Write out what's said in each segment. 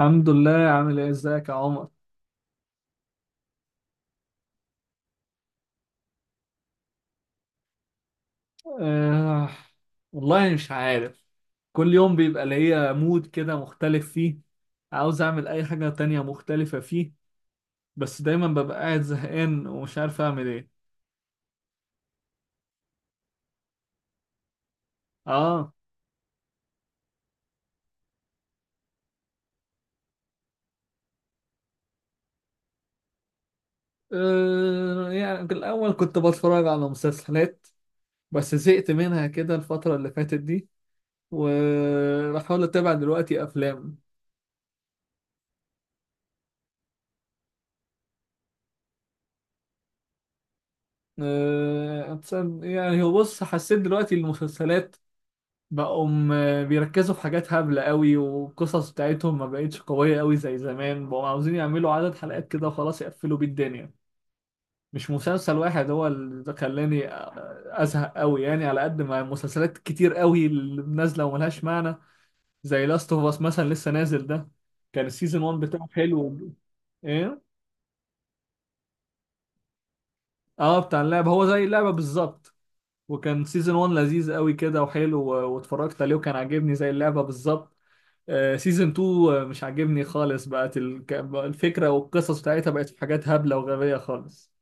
الحمد لله. عامل ايه؟ ازيك يا عمر؟ آه والله مش عارف. كل يوم بيبقى ليا مود كده مختلف فيه، عاوز اعمل اي حاجة تانية مختلفة فيه، بس دايما ببقى قاعد زهقان ومش عارف اعمل ايه. اه. يعني في الاول كنت بتفرج على مسلسلات، بس زهقت منها كده الفترة اللي فاتت دي، وبحاول اتابع دلوقتي افلام. آه يعني هو بص، حسيت دلوقتي المسلسلات بقوا بيركزوا في حاجات هبلة قوي، والقصص بتاعتهم ما بقتش قوية قوي زي زمان، بقوا عاوزين يعملوا عدد حلقات كده وخلاص يقفلوا بيه الدنيا. مش مسلسل واحد هو اللي ده خلاني أزهق قوي، يعني على قد ما مسلسلات كتير قوي اللي نازلة وملهاش معنى. زي لاست اوف اس مثلا لسه نازل ده، كان السيزون 1 بتاعه حلو. ايه؟ اه، بتاع اللعبة هو، زي اللعبة بالظبط. وكان سيزون 1 لذيذ قوي كده وحلو واتفرجت عليه وكان عاجبني زي اللعبة بالظبط. سيزون 2 مش عاجبني خالص، بقت بقى الفكرة والقصص بتاعتها بقت في حاجات هبلة وغبية خالص.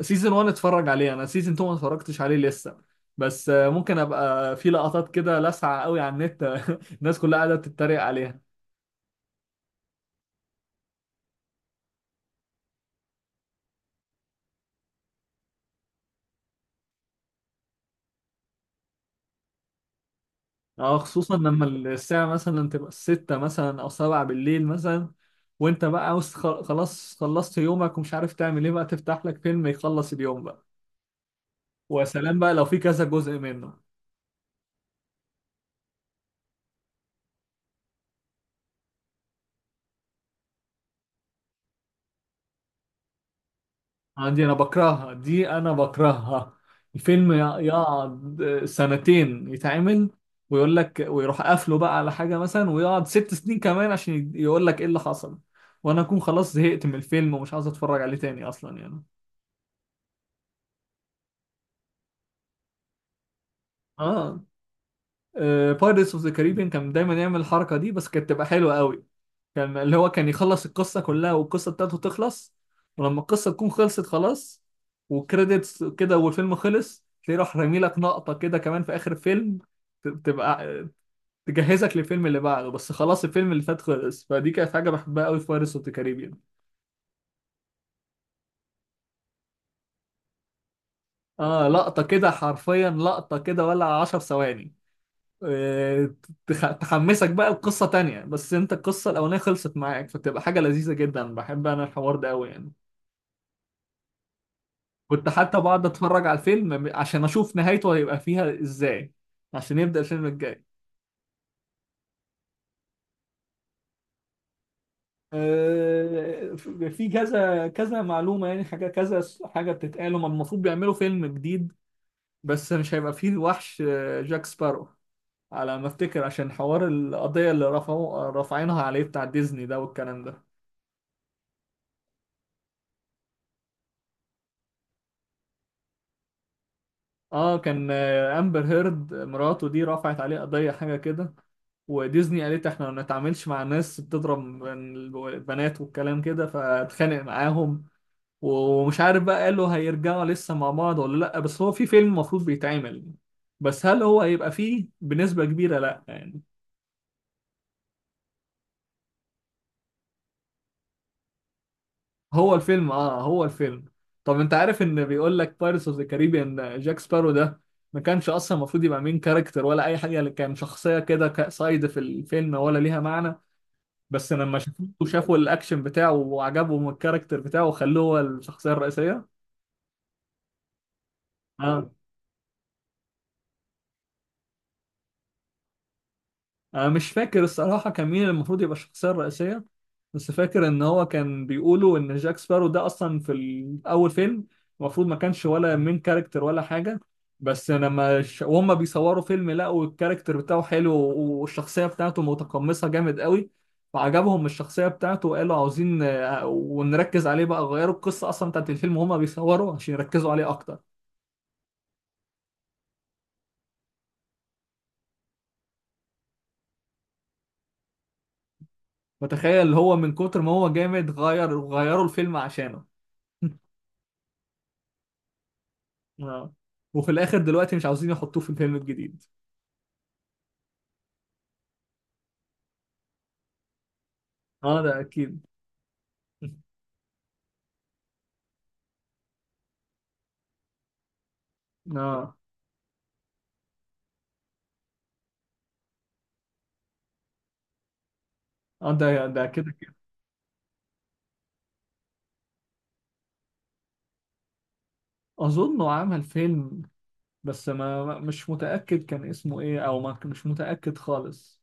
سيزون 1 اتفرج عليه انا، سيزون 2 ما اتفرجتش عليه لسه، بس ممكن ابقى في لقطات كده لاسعة قوي على النت. الناس كلها قاعدة بتتريق عليها. اه، خصوصا لما الساعة مثلا تبقى الستة مثلا او سبعة بالليل مثلا، وانت بقى عاوز خلاص خلصت يومك ومش عارف تعمل ايه، بقى تفتح لك فيلم يخلص اليوم بقى. وسلام بقى لو في كذا جزء منه. دي انا بكرهها، دي انا بكرهها. الفيلم يقعد سنتين يتعمل، ويقول لك ويروح قافله بقى على حاجة مثلا، ويقعد ست سنين كمان عشان يقول لك ايه اللي حصل، وانا اكون خلاص زهقت من الفيلم ومش عاوز اتفرج عليه تاني اصلا يعني. اه، بايرتس اوف ذا كاريبيان كان دايما يعمل الحركه دي، بس كانت تبقى حلوه قوي. كان اللي هو كان يخلص القصه كلها والقصه بتاعته تخلص، ولما القصه تكون خلصت خلاص وكريدتس كده والفيلم خلص، تلاقيه راح رامي لك نقطه كده كمان في اخر الفيلم، تبقى تجهزك للفيلم اللي بعده، بس خلاص الفيلم اللي فات خلص. فدي كانت حاجه بحبها قوي في بايرتس اوف ذا كاريبيان. اه، لقطه كده حرفيا، لقطه كده ولا 10 ثواني، آه، تحمسك بقى القصة تانية، بس انت القصة الأولانية خلصت معاك، فتبقى حاجة لذيذة جدا. بحب أنا الحوار ده أوي يعني. كنت حتى بقعد أتفرج على الفيلم عشان أشوف نهايته هيبقى فيها إزاي، عشان يبدأ الفيلم الجاي. آه، في كذا كذا معلومة، يعني حاجة كذا حاجة بتتقال، هما المفروض بيعملوا فيلم جديد، بس مش هيبقى فيه وحش جاك سبارو، على ما افتكر، عشان حوار القضية اللي رفعوا رافعينها عليه بتاع ديزني ده والكلام ده. اه، كان امبر هيرد مراته دي رفعت عليه قضية حاجة كده، وديزني قالت احنا ما نتعاملش مع ناس بتضرب البنات والكلام كده، فاتخانق معاهم. ومش عارف بقى، قالوا هيرجعوا لسه مع بعض ولا لا، بس هو في فيلم المفروض بيتعمل، بس هل هو هيبقى فيه بنسبة كبيرة؟ لا يعني. هو الفيلم، اه هو الفيلم. طب انت عارف ان بيقول لك بايرتس اوف ذا كاريبيان جاك سبارو ده ما كانش اصلا المفروض يبقى مين كاركتر ولا اي حاجه، اللي كان شخصيه كده سايد في الفيلم ولا ليها معنى، بس لما شافوه وشافوا الاكشن بتاعه وعجبهم الكاركتر بتاعه وخلوه هو الشخصيه الرئيسيه. اه، انا مش فاكر الصراحه كان مين المفروض يبقى الشخصيه الرئيسيه، بس فاكر ان هو كان بيقولوا ان جاك سبارو ده اصلا في الاول فيلم المفروض ما كانش ولا مين كاركتر ولا حاجه، بس لما وهم بيصوروا فيلم لقوا الكاركتر بتاعه حلو، والشخصيه بتاعته متقمصه جامد قوي، فعجبهم الشخصيه بتاعته وقالوا عاوزين ونركز عليه بقى، غيروا القصه اصلا بتاعت الفيلم وهم بيصوروا عشان يركزوا عليه اكتر. فتخيل هو من كتر ما هو جامد، غير غيروا الفيلم عشانه. اه، وفي الاخر دلوقتي مش عاوزين يحطوه في الفيلم الجديد. اه ده اكيد. اه. اه، ده ده كده كده. اظنه عمل فيلم، بس مش متاكد كان اسمه ايه، او ما مش متاكد خالص.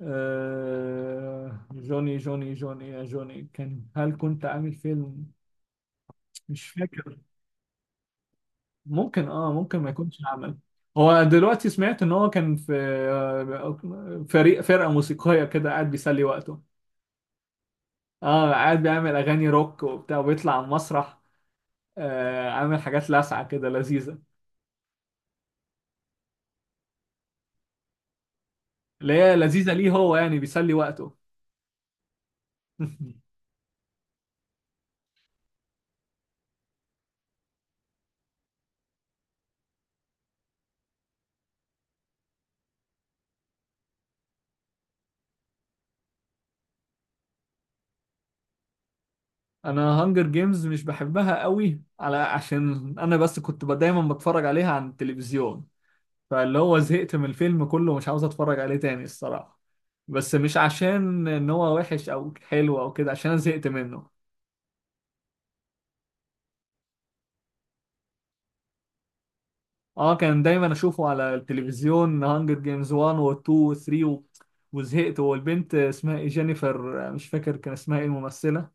جوني، جوني يا جوني، كان هل كنت عامل فيلم؟ مش فاكر. ممكن، اه ممكن ما يكونش عمل. هو دلوقتي سمعت ان هو كان في فرقه موسيقيه كده، قاعد بيسلي وقته. اه، قاعد بيعمل اغاني روك وبتاع، وبيطلع على المسرح، آه عامل حاجات لاسعه كده لذيذه. اللي هي لذيذه ليه؟ هو يعني بيسلي وقته. انا هانجر جيمز مش بحبها قوي، على عشان انا بس كنت دايما بتفرج عليها عن التلفزيون، فاللي هو زهقت من الفيلم كله، مش عاوز اتفرج عليه تاني الصراحه. بس مش عشان ان هو وحش او حلو او كده، عشان انا زهقت منه. اه، كان دايما اشوفه على التلفزيون هانجر جيمز 1 و 2 و 3 و... وزهقت. والبنت اسمها ايه؟ جينيفر، مش فاكر كان اسمها ايه الممثلة.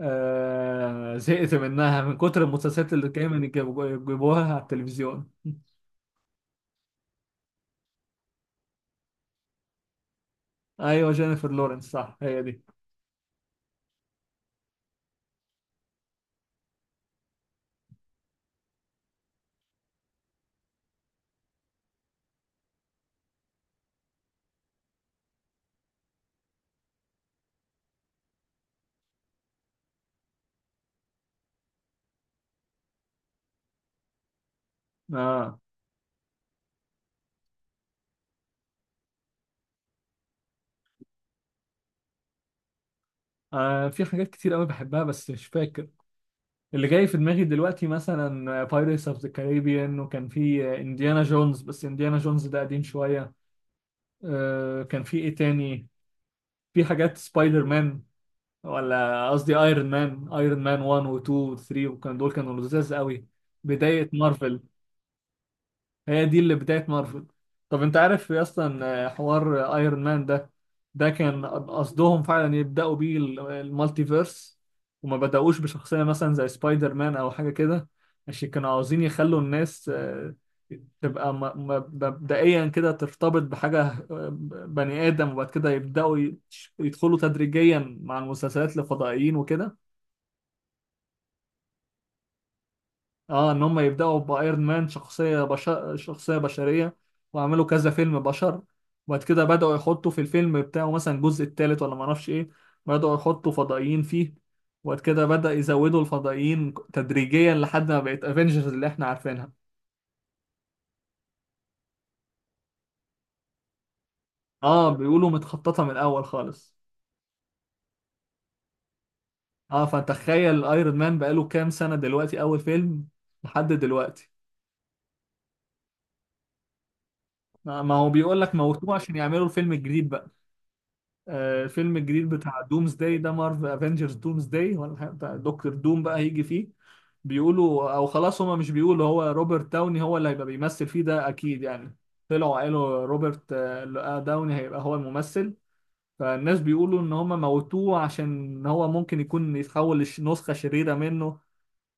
آه، زهقت منها من كتر المسلسلات اللي دايما يجيبوها على التلفزيون. ايوه جينيفر لورنس، صح، هي دي. اه. آه، في حاجات كتير قوي بحبها بس مش فاكر. اللي جاي في دماغي دلوقتي مثلا بايرتس اوف ذا كاريبيان، وكان في انديانا جونز، بس انديانا جونز ده قديم شوية. آه، كان في ايه تاني؟ في حاجات سبايدر مان، ولا قصدي ايرون مان. ايرون مان 1 و 2 و 3، وكان دول كانوا لذاذ قوي، بداية مارفل. هي دي اللي بداية مارفل. طب انت عارف اصلا حوار ايرون مان ده، ده كان قصدهم فعلا يبدأوا بيه المالتيفيرس، وما بدأوش بشخصية مثلا زي سبايدر مان او حاجة كده، عشان كانوا عاوزين يخلوا الناس تبقى مبدئيا كده ترتبط بحاجة آه، بني آدم، وبعد كده يبدأوا يدخلوا تدريجيا مع المسلسلات الفضائيين وكده. اه، ان هم يبداوا بايرون مان شخصيه بشر، شخصيه بشريه، وعملوا كذا فيلم بشر، وبعد كده بداوا يحطوا في الفيلم بتاعه مثلا الجزء الثالث ولا ما اعرفش ايه، بداوا يحطوا فضائيين فيه، وبعد كده بدا يزودوا الفضائيين تدريجيا لحد ما بقت افنجرز اللي احنا عارفينها. اه، بيقولوا متخططه من الاول خالص. اه، فتخيل ايرون مان بقاله كام سنه دلوقتي اول فيلم لحد دلوقتي. ما ما هو بيقول لك موتوه عشان يعملوا الفيلم الجديد بقى. الفيلم الجديد بتاع دومز داي ده، مارفل افنجرز دومز داي ولا حاجة، بتاع دكتور دوم بقى هيجي فيه. بيقولوا او خلاص، هما مش بيقولوا هو روبرت داوني هو اللي هيبقى بيمثل فيه، ده اكيد يعني، طلعوا قالوا روبرت داوني هيبقى هو الممثل. فالناس بيقولوا ان هما موتوه عشان هو ممكن يكون يتحول لنسخة شريرة منه،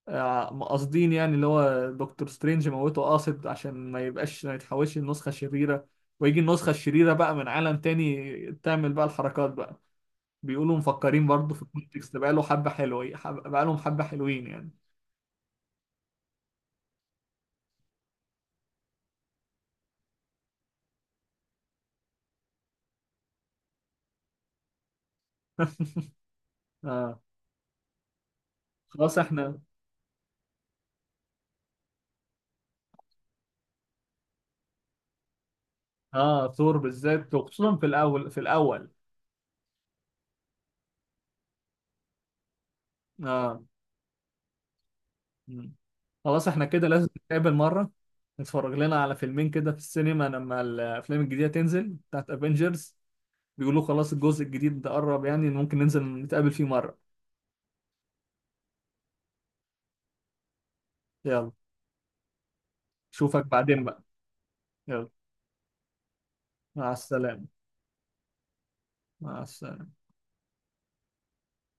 قاصدين يعني، اللي هو دكتور سترينج موته قاصد عشان ما يبقاش، ما يتحولش لنسخة شريرة، ويجي النسخة الشريرة بقى من عالم تاني تعمل بقى الحركات بقى. بيقولوا مفكرين برضه في الكونتكست بقاله حبة حلوين، بقالهم حبة حلوين يعني. اه. خلاص احنا. اه، ثور بالذات، وخصوصا في الاول، في الاول. اه. مم. خلاص احنا كده لازم نتقابل مرة، نتفرج لنا على فيلمين كده في السينما لما الافلام الجديدة تنزل بتاعت افنجرز. بيقولوا خلاص الجزء الجديد ده قرب، يعني ممكن ننزل نتقابل فيه مرة. يلا، اشوفك بعدين بقى. يلا، مع السلامة. مع السلامة.